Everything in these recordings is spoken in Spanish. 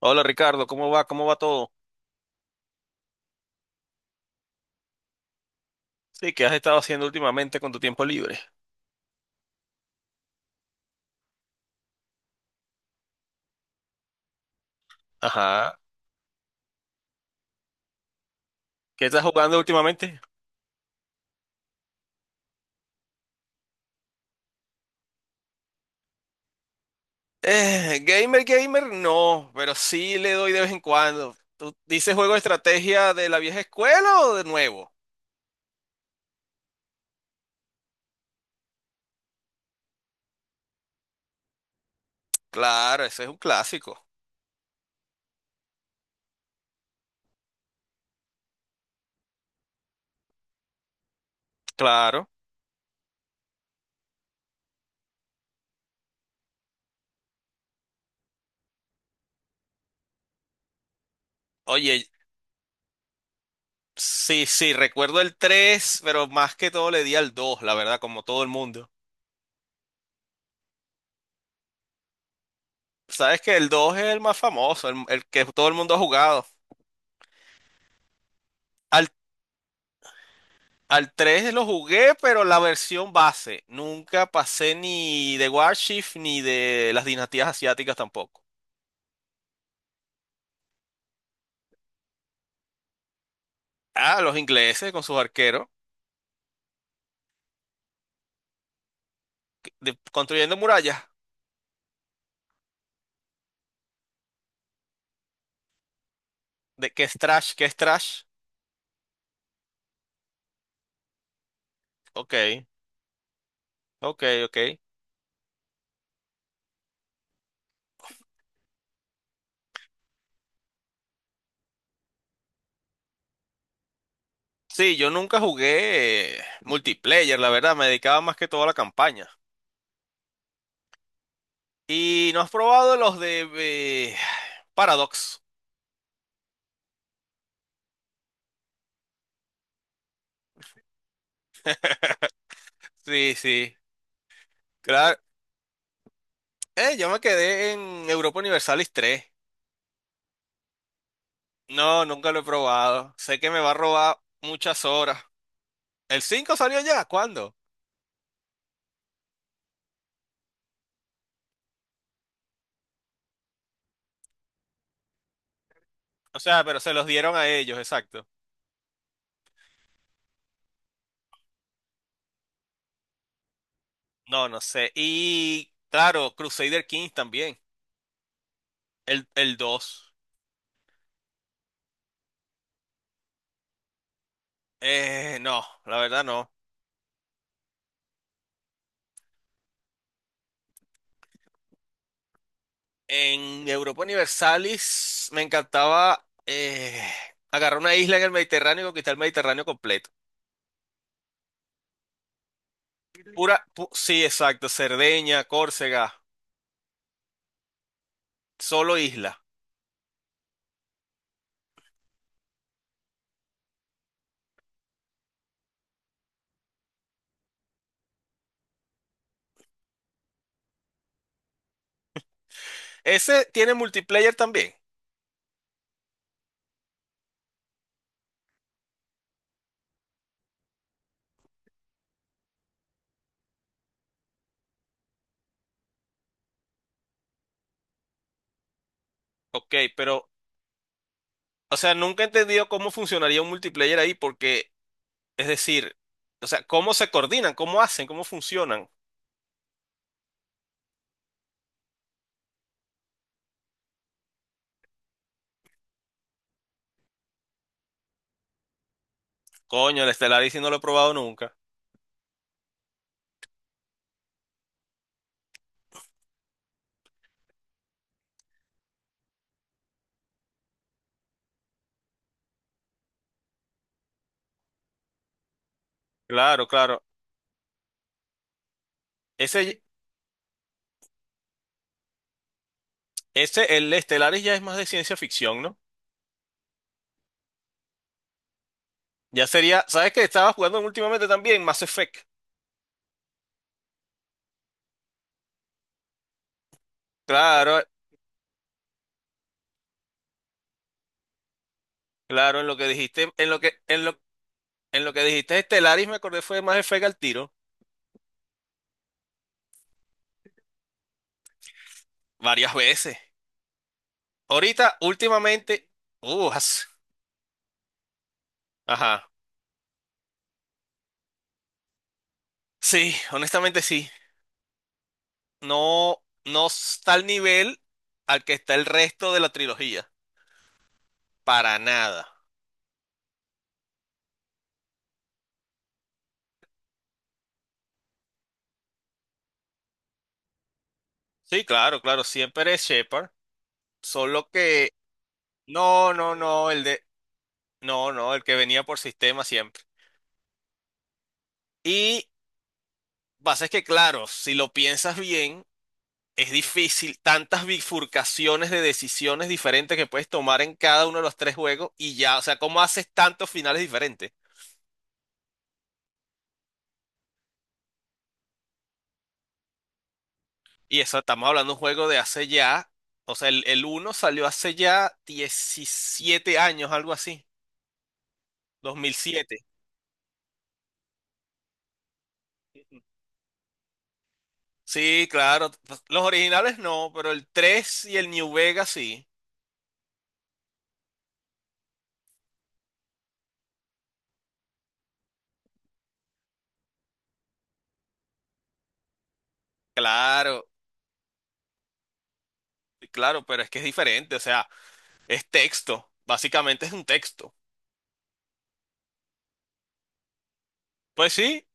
Hola Ricardo, ¿cómo va? ¿Cómo va todo? Sí, ¿qué has estado haciendo últimamente con tu tiempo libre? Ajá. ¿Qué estás jugando últimamente? Gamer, gamer, no, pero sí le doy de vez en cuando. ¿Tú dices juego de estrategia de la vieja escuela o de nuevo? Claro, ese es un clásico. Claro. Oye, sí, sí, recuerdo el 3, pero más que todo le di al 2, la verdad, como todo el mundo. Sabes que el 2 es el más famoso, el que todo el mundo ha jugado. Al Al 3 lo jugué, pero la versión base. Nunca pasé ni de Warship ni de las dinastías asiáticas tampoco. Ah, los ingleses con sus arqueros construyendo murallas. ¿De qué es trash? ¿Qué es trash? Ok, ok, ok. Sí, yo nunca jugué multiplayer, la verdad. Me dedicaba más que todo a la campaña. ¿Y no has probado los de eh, Paradox? Sí, sí. Claro. Yo me quedé en Europa Universalis 3. No, nunca lo he probado. Sé que me va a robar muchas horas. ¿El cinco salió ya? ¿Cuándo? O sea, pero se los dieron a ellos, exacto. No, no sé. Y claro, Crusader Kings también. El dos. No, la verdad no. En Europa Universalis me encantaba agarrar una isla en el Mediterráneo y conquistar el Mediterráneo completo. Sí, exacto. Cerdeña, Córcega, solo isla. Ese tiene multiplayer también. Ok, pero o sea, nunca he entendido cómo funcionaría un multiplayer ahí, porque, es decir, o sea, cómo se coordinan, cómo hacen, cómo funcionan. Coño, el Stellaris sí no lo he probado nunca. Claro, claro. Ese, ese, el Stellaris ya es más de ciencia ficción, ¿no? Ya sería, ¿sabes qué? Estaba jugando últimamente también Mass Effect. Claro, claro, en lo que dijiste, en lo que dijiste Stellaris me acordé fue de Mass Effect al tiro, varias veces. Ahorita, últimamente, uh, as- ajá. Sí, honestamente sí. No, no está al nivel al que está el resto de la trilogía. Para nada. Sí, claro, claro, siempre es Shepard. Solo que, no, no, no, el de, no, no, el que venía por sistema siempre. Y pasa es que, claro, si lo piensas bien, es difícil tantas bifurcaciones de decisiones diferentes que puedes tomar en cada uno de los tres juegos y ya, o sea, ¿cómo haces tantos finales diferentes? Y eso, estamos hablando de un juego de hace ya, o sea, el uno salió hace ya 17 años, algo así, 2007. Sí, claro, pues, los originales no, pero el 3 y el New Vegas sí. Claro, claro, pero es que es diferente, o sea, es texto, básicamente es un texto. Pues sí,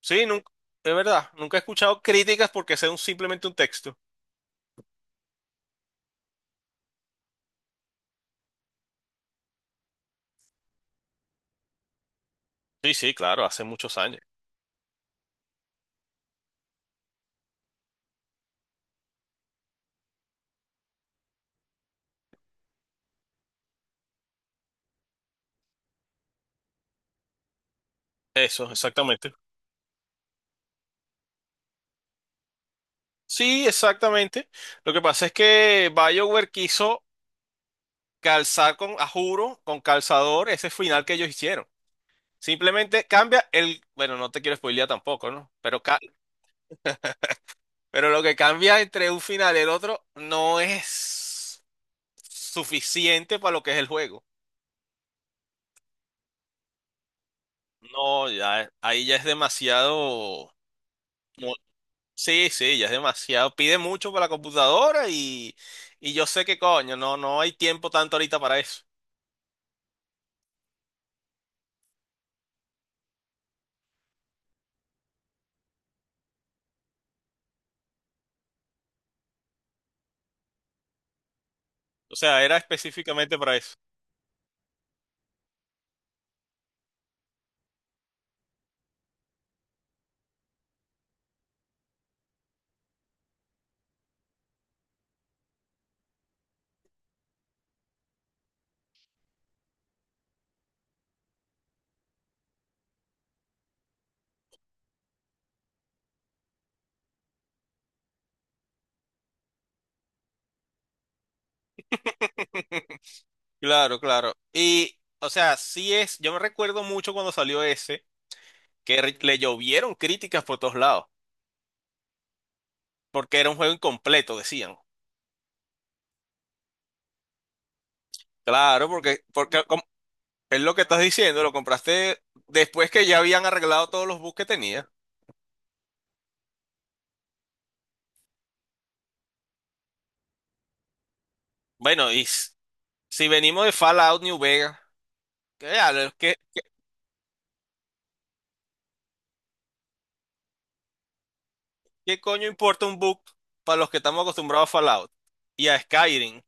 sí, nunca, es verdad, nunca he escuchado críticas porque sea un, simplemente un texto. Sí, sí, claro, hace muchos años. Eso, exactamente. Sí, exactamente. Lo que pasa es que BioWare quiso calzar con, a juro, con calzador ese final que ellos hicieron. Simplemente cambia el, bueno, no te quiero spoilear tampoco, ¿no? Pero lo que cambia entre un final y el otro no es suficiente para lo que es el juego. No, ya, ahí ya es demasiado. mu- Sí, sí, ya es demasiado. Pide mucho para la computadora y yo sé que coño, no, no hay tiempo tanto ahorita para eso. O sea, era específicamente para eso. Claro, claro. Y, o sea, sí es, yo me recuerdo mucho cuando salió ese, le llovieron críticas por todos lados, porque era un juego incompleto, decían. Claro, porque, es lo que estás diciendo, lo compraste después que ya habían arreglado todos los bugs que tenía. Bueno, y s- si venimos de Fallout New Vegas, ¿qué, hablas? ¿Qué coño importa un bug para los que estamos acostumbrados a Fallout y a Skyrim?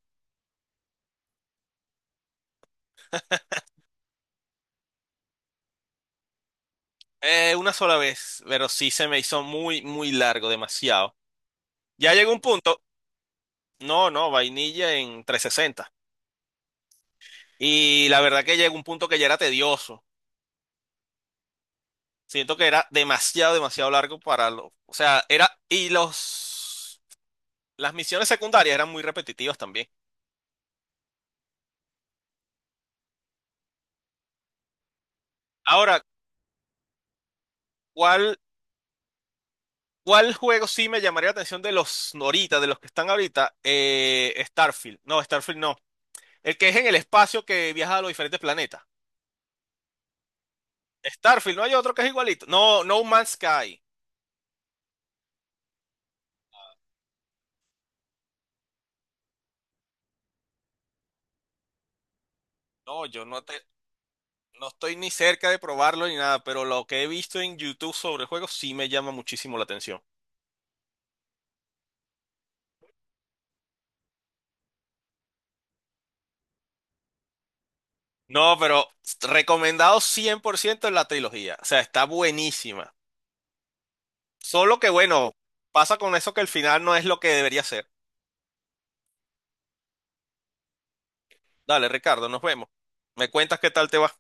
Una sola vez, pero sí se me hizo muy, muy largo, demasiado. Ya llegó un punto. No, no, vainilla en 360. Y la verdad que llegó un punto que ya era tedioso. Siento que era demasiado, demasiado largo para lo. O sea, era. Y los. Las misiones secundarias eran muy repetitivas también. Ahora, ¿cuál, ¿cuál juego sí me llamaría la atención de los noritas, de los que están ahorita? Starfield. No, Starfield no. El que es en el espacio que viaja a los diferentes planetas. Starfield, no hay otro que es igualito. No, No Man's Sky. No, yo no te. No estoy ni cerca de probarlo ni nada, pero lo que he visto en YouTube sobre el juego sí me llama muchísimo la atención. No, pero recomendado 100% la trilogía. O sea, está buenísima. Solo que bueno, pasa con eso que el final no es lo que debería ser. Dale, Ricardo, nos vemos. Me cuentas qué tal te va.